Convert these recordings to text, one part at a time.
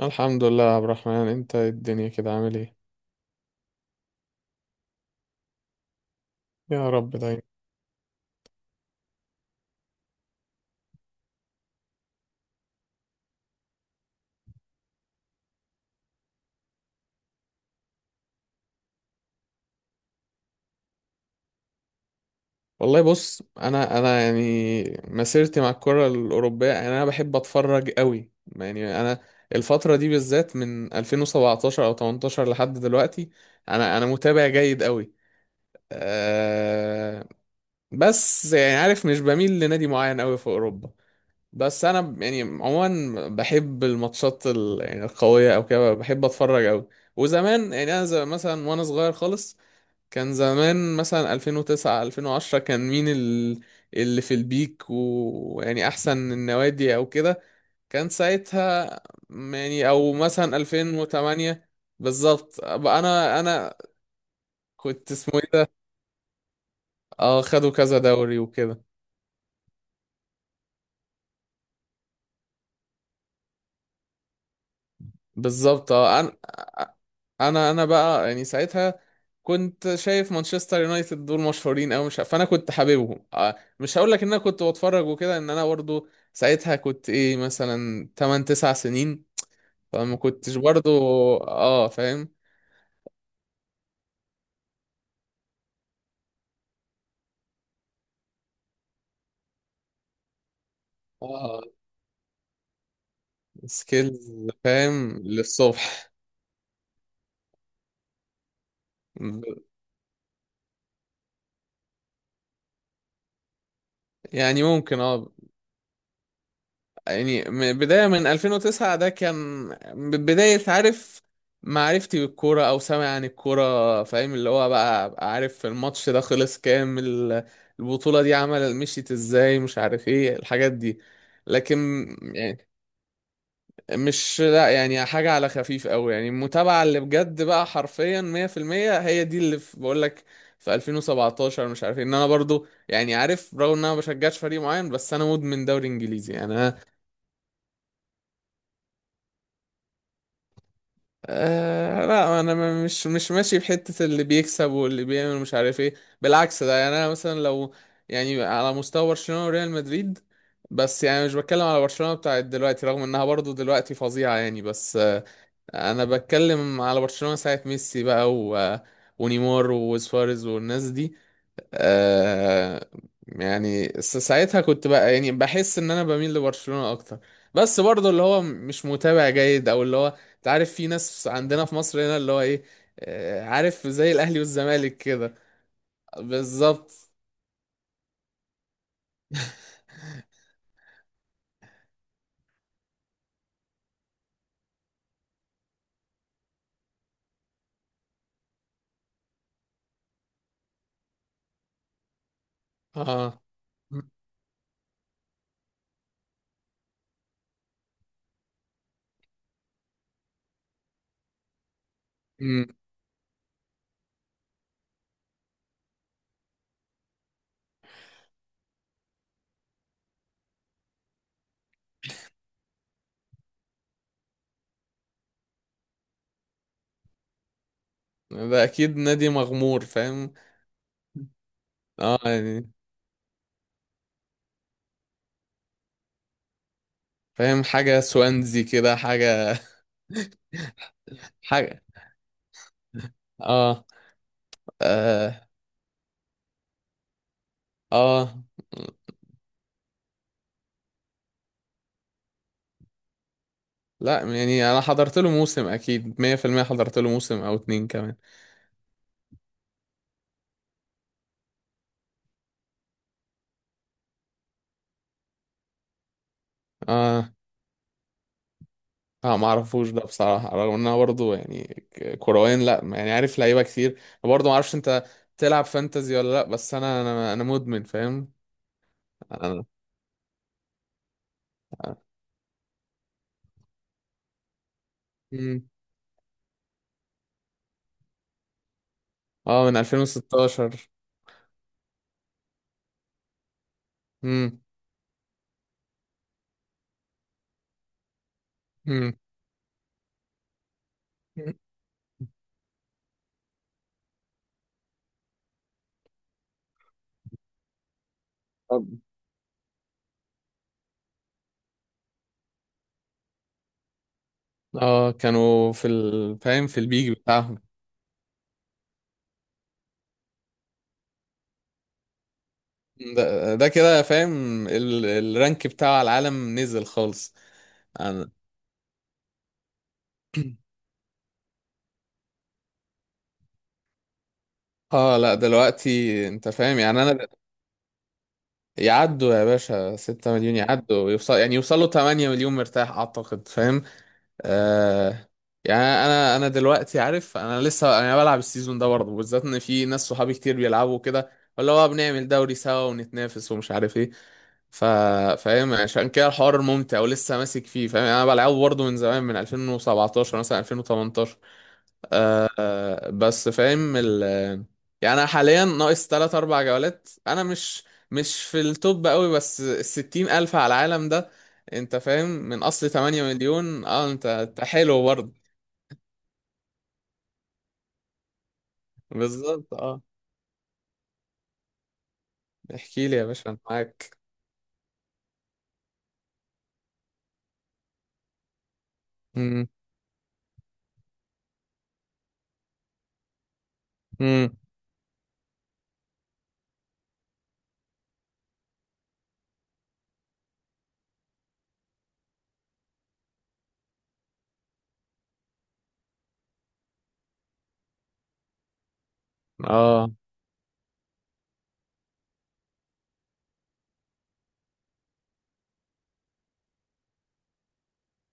الحمد لله يا عبد الرحمن، انت ايه الدنيا كده؟ عامل ايه؟ يا رب دايما. والله بص، انا يعني مسيرتي مع الكرة الأوروبية، يعني انا بحب اتفرج قوي. يعني انا الفترة دي بالذات من 2017 او 18 لحد دلوقتي، انا متابع جيد قوي. أه، بس يعني عارف، مش بميل لنادي معين قوي في أوروبا. بس انا يعني عموما بحب الماتشات يعني القوية او كده، بحب اتفرج قوي. وزمان يعني انا زي مثلا، وانا صغير خالص، كان زمان مثلا 2009 2010، كان مين اللي في البيك، ويعني احسن النوادي او كده كان ساعتها، يعني او مثلا 2008. بالظبط بقى، انا كنت اسمه ايه ده. اه، خدوا كذا دوري وكده. بالظبط اه، انا بقى يعني ساعتها كنت شايف مانشستر يونايتد دول مشهورين، او مش، فانا كنت حاببهم. آه، مش هقول لك ان انا كنت بتفرج وكده، ان انا برضو ساعتها كنت ايه مثلا 8 9 سنين، فما كنتش برضو. اه فاهم. اه، سكيلز، فاهم للصبح. يعني ممكن اه، يعني من بداية من 2009، ده كان بداية، عارف، معرفتي بالكورة، أو سامع عن الكورة، فاهم، اللي هو بقى أبقى عارف الماتش ده خلص كام، البطولة دي عمل مشيت ازاي، مش عارف ايه الحاجات دي. لكن يعني، مش لا يعني حاجة على خفيف أوي. يعني المتابعة اللي بجد بقى حرفيا 100%، هي دي اللي بقولك في 2017. مش عارف ايه ان انا برضو يعني عارف، رغم ان انا ما بشجعش فريق معين، بس انا مدمن دوري انجليزي يعني. آه لا، انا مش ماشي بحتة اللي بيكسب واللي بيعمل مش عارف ايه. بالعكس، ده يعني انا مثلا لو، يعني على مستوى برشلونة وريال مدريد. بس يعني مش بتكلم على برشلونة بتاعت دلوقتي، رغم انها برضو دلوقتي فظيعة يعني، بس آه، انا بتكلم على برشلونة ساعة ميسي بقى، و... ونيمار وسواريز والناس دي. آه يعني ساعتها كنت بقى يعني بحس ان انا بميل لبرشلونة اكتر. بس برضه اللي هو مش متابع جيد، او اللي هو، انت عارف، في ناس عندنا في مصر هنا اللي هو ايه، آه، عارف زي الاهلي والزمالك كده. بالظبط اه. امم. ده اكيد نادي مغمور، فاهم. اه يعني فاهم، حاجة سوانزي كده، حاجة حاجة. اه. اه. اه لا، يعني انا حضرت له موسم اكيد 100%، حضرت له موسم او 2 كمان. اه. اه ما اعرفوش ده بصراحه، رغم ان انا برضه يعني كرويا، لا يعني عارف لعيبه كتير. أنا برضه ما اعرفش انت تلعب فانتزي ولا لا، بس انا مدمن، فاهم. انا. مم. اه، من 2016. امم. امم. طب اه، كانوا في فاهم في البيج بتاعهم. ده كده فاهم، الرانك بتاع العالم نزل خالص. أنا... اه لا، دلوقتي انت فاهم يعني انا، يعدوا يا باشا 6 مليون، يعدوا يوصل، يعني يوصلوا 8 مليون مرتاح اعتقد، فاهم. آه. يعني انا دلوقتي عارف، انا لسه انا بلعب السيزون ده برضه، بالذات ان في ناس صحابي كتير بيلعبوا كده، ولا هو بنعمل دوري سوا ونتنافس ومش عارف ايه، ف فاهم عشان كده الحوار ممتع ولسه ماسك فيه، فاهم، يعني انا بلعبه برضه من زمان، من 2017 مثلا 2018. آه بس فاهم ال، يعني انا حاليا ناقص 3 4 جولات، انا مش في التوب قوي، بس ال 60 الف على العالم ده، انت فاهم، من اصل 8 مليون. اه انت حلو برضه. بالظبط اه، احكي لي يا باشا، انا معاك. امم. امم. اه.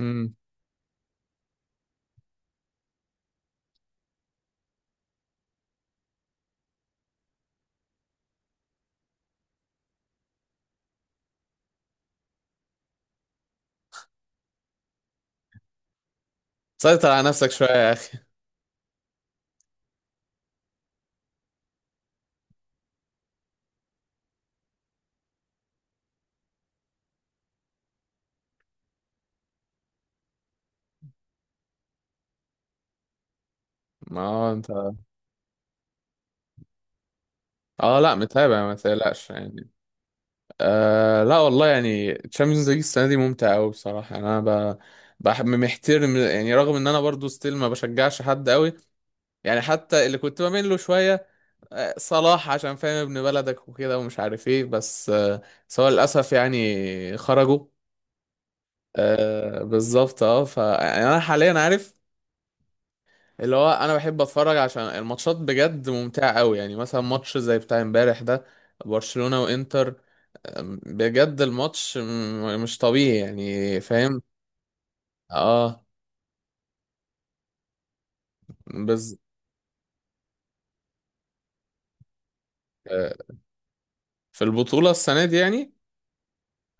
امم. سيطر على نفسك شويه يا اخي. ما هو انت. اه لا، متابع ما تقلقش يعني. آه لا والله، يعني تشامبيونز ليج السنه دي ممتعه قوي بصراحه، يعني انا ب... بحب محترم يعني. رغم ان انا برضو ستيل ما بشجعش حد قوي، يعني حتى اللي كنت بميل له شويه آه، صلاح، عشان فاهم ابن بلدك وكده ومش عارف ايه، بس آه، بس هو للاسف يعني خرجوا. آه بالظبط اه، فانا حاليا عارف اللي هو، انا بحب اتفرج عشان الماتشات بجد ممتعة قوي. يعني مثلا ماتش زي بتاع امبارح ده، برشلونة وانتر، بجد الماتش مش طبيعي يعني، فاهم. اه. بز. آه، في البطولة السنة دي يعني،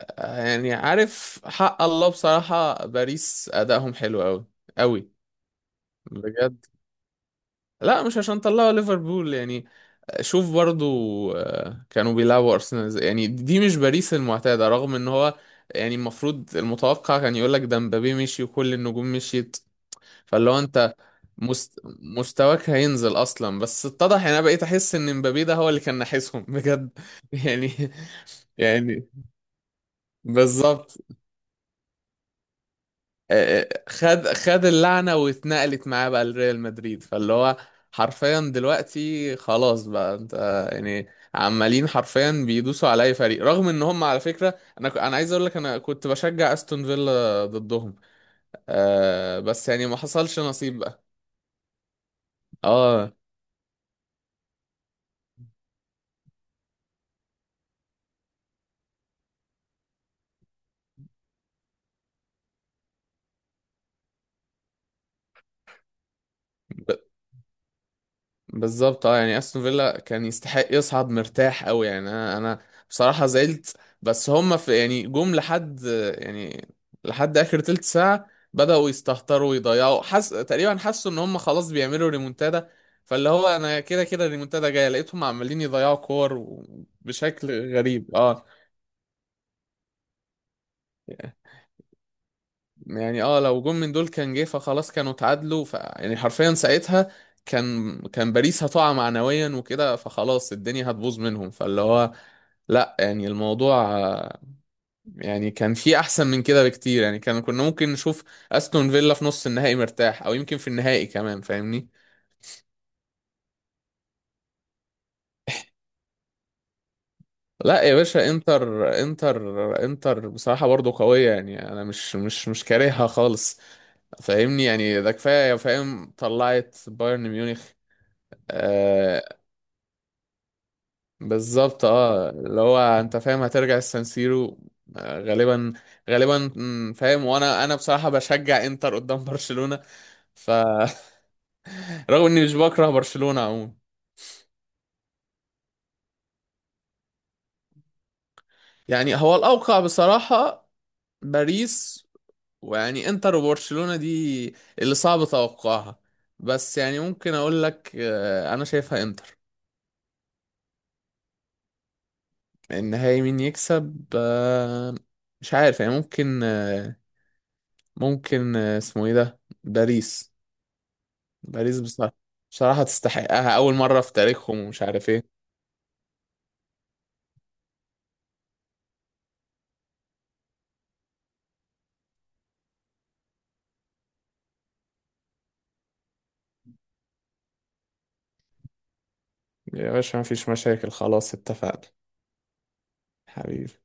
آه يعني عارف، حق الله بصراحة باريس أدائهم حلو قوي قوي بجد. لا، مش عشان طلعوا ليفربول يعني، شوف برضو، آه، كانوا بيلعبوا ارسنال إزاي. يعني دي مش باريس المعتاده، رغم ان هو يعني المفروض المتوقع كان يقول لك ده مبابي مشي وكل النجوم مشيت، فاللي هو انت مست... مستواك هينزل اصلا. بس اتضح يعني، انا بقيت احس ان مبابي ده هو اللي كان ناحسهم بجد يعني، يعني بالظبط. آه، خد خد اللعنة واتنقلت معاه بقى لريال مدريد. فاللي هو حرفيا دلوقتي خلاص، بقى انت يعني عمالين حرفيا بيدوسوا على اي فريق. رغم ان هم على فكرة، انا انا عايز اقول لك، انا كنت بشجع استون فيلا ضدهم. آه بس يعني ما حصلش نصيب بقى. اه. بالظبط اه، يعني استون فيلا كان يستحق يصعد مرتاح قوي. يعني انا بصراحه زعلت، بس هم في يعني جم لحد، يعني لحد اخر تلت ساعه بداوا يستهتروا ويضيعوا، حس تقريبا، حسوا ان هم خلاص بيعملوا ريمونتادا. فاللي هو انا كده كده الريمونتادا جايه، لقيتهم عمالين يضيعوا كور بشكل غريب. اه يعني، اه لو جون من دول كان جه فخلاص كانوا اتعادلوا. ف يعني حرفيا ساعتها كان باريس هتقع معنويا وكده، فخلاص الدنيا هتبوظ منهم. فاللي هو لا يعني الموضوع آه، يعني كان في احسن من كده بكتير. يعني كان كنا ممكن نشوف استون فيلا في نص النهائي مرتاح، او يمكن في النهائي كمان، فاهمني. لا يا باشا، انتر انتر انتر بصراحة برضو قوية، يعني انا مش كارهها خالص، فاهمني. يعني ده كفاية، فاهم طلعت بايرن ميونخ آه، بالظبط. اه اللي هو انت فاهم هترجع السانسيرو آه، غالبا، غالبا، فاهم. وانا بصراحة بشجع انتر قدام برشلونة، فرغم اني مش بكره برشلونة عموما. يعني هو الاوقع بصراحة باريس. ويعني انتر وبرشلونة دي اللي صعب توقعها. بس يعني ممكن اقول لك آه، انا شايفها انتر. النهائي مين يكسب آه، مش عارف يعني، ممكن آه، ممكن آه، اسمه ايه ده، باريس. باريس بصراحة، بصراحة تستحقها أول مرة في تاريخهم، ومش عارف إيه. يا باشا، مفيش مشاكل، خلاص، اتفقنا، حبيبي.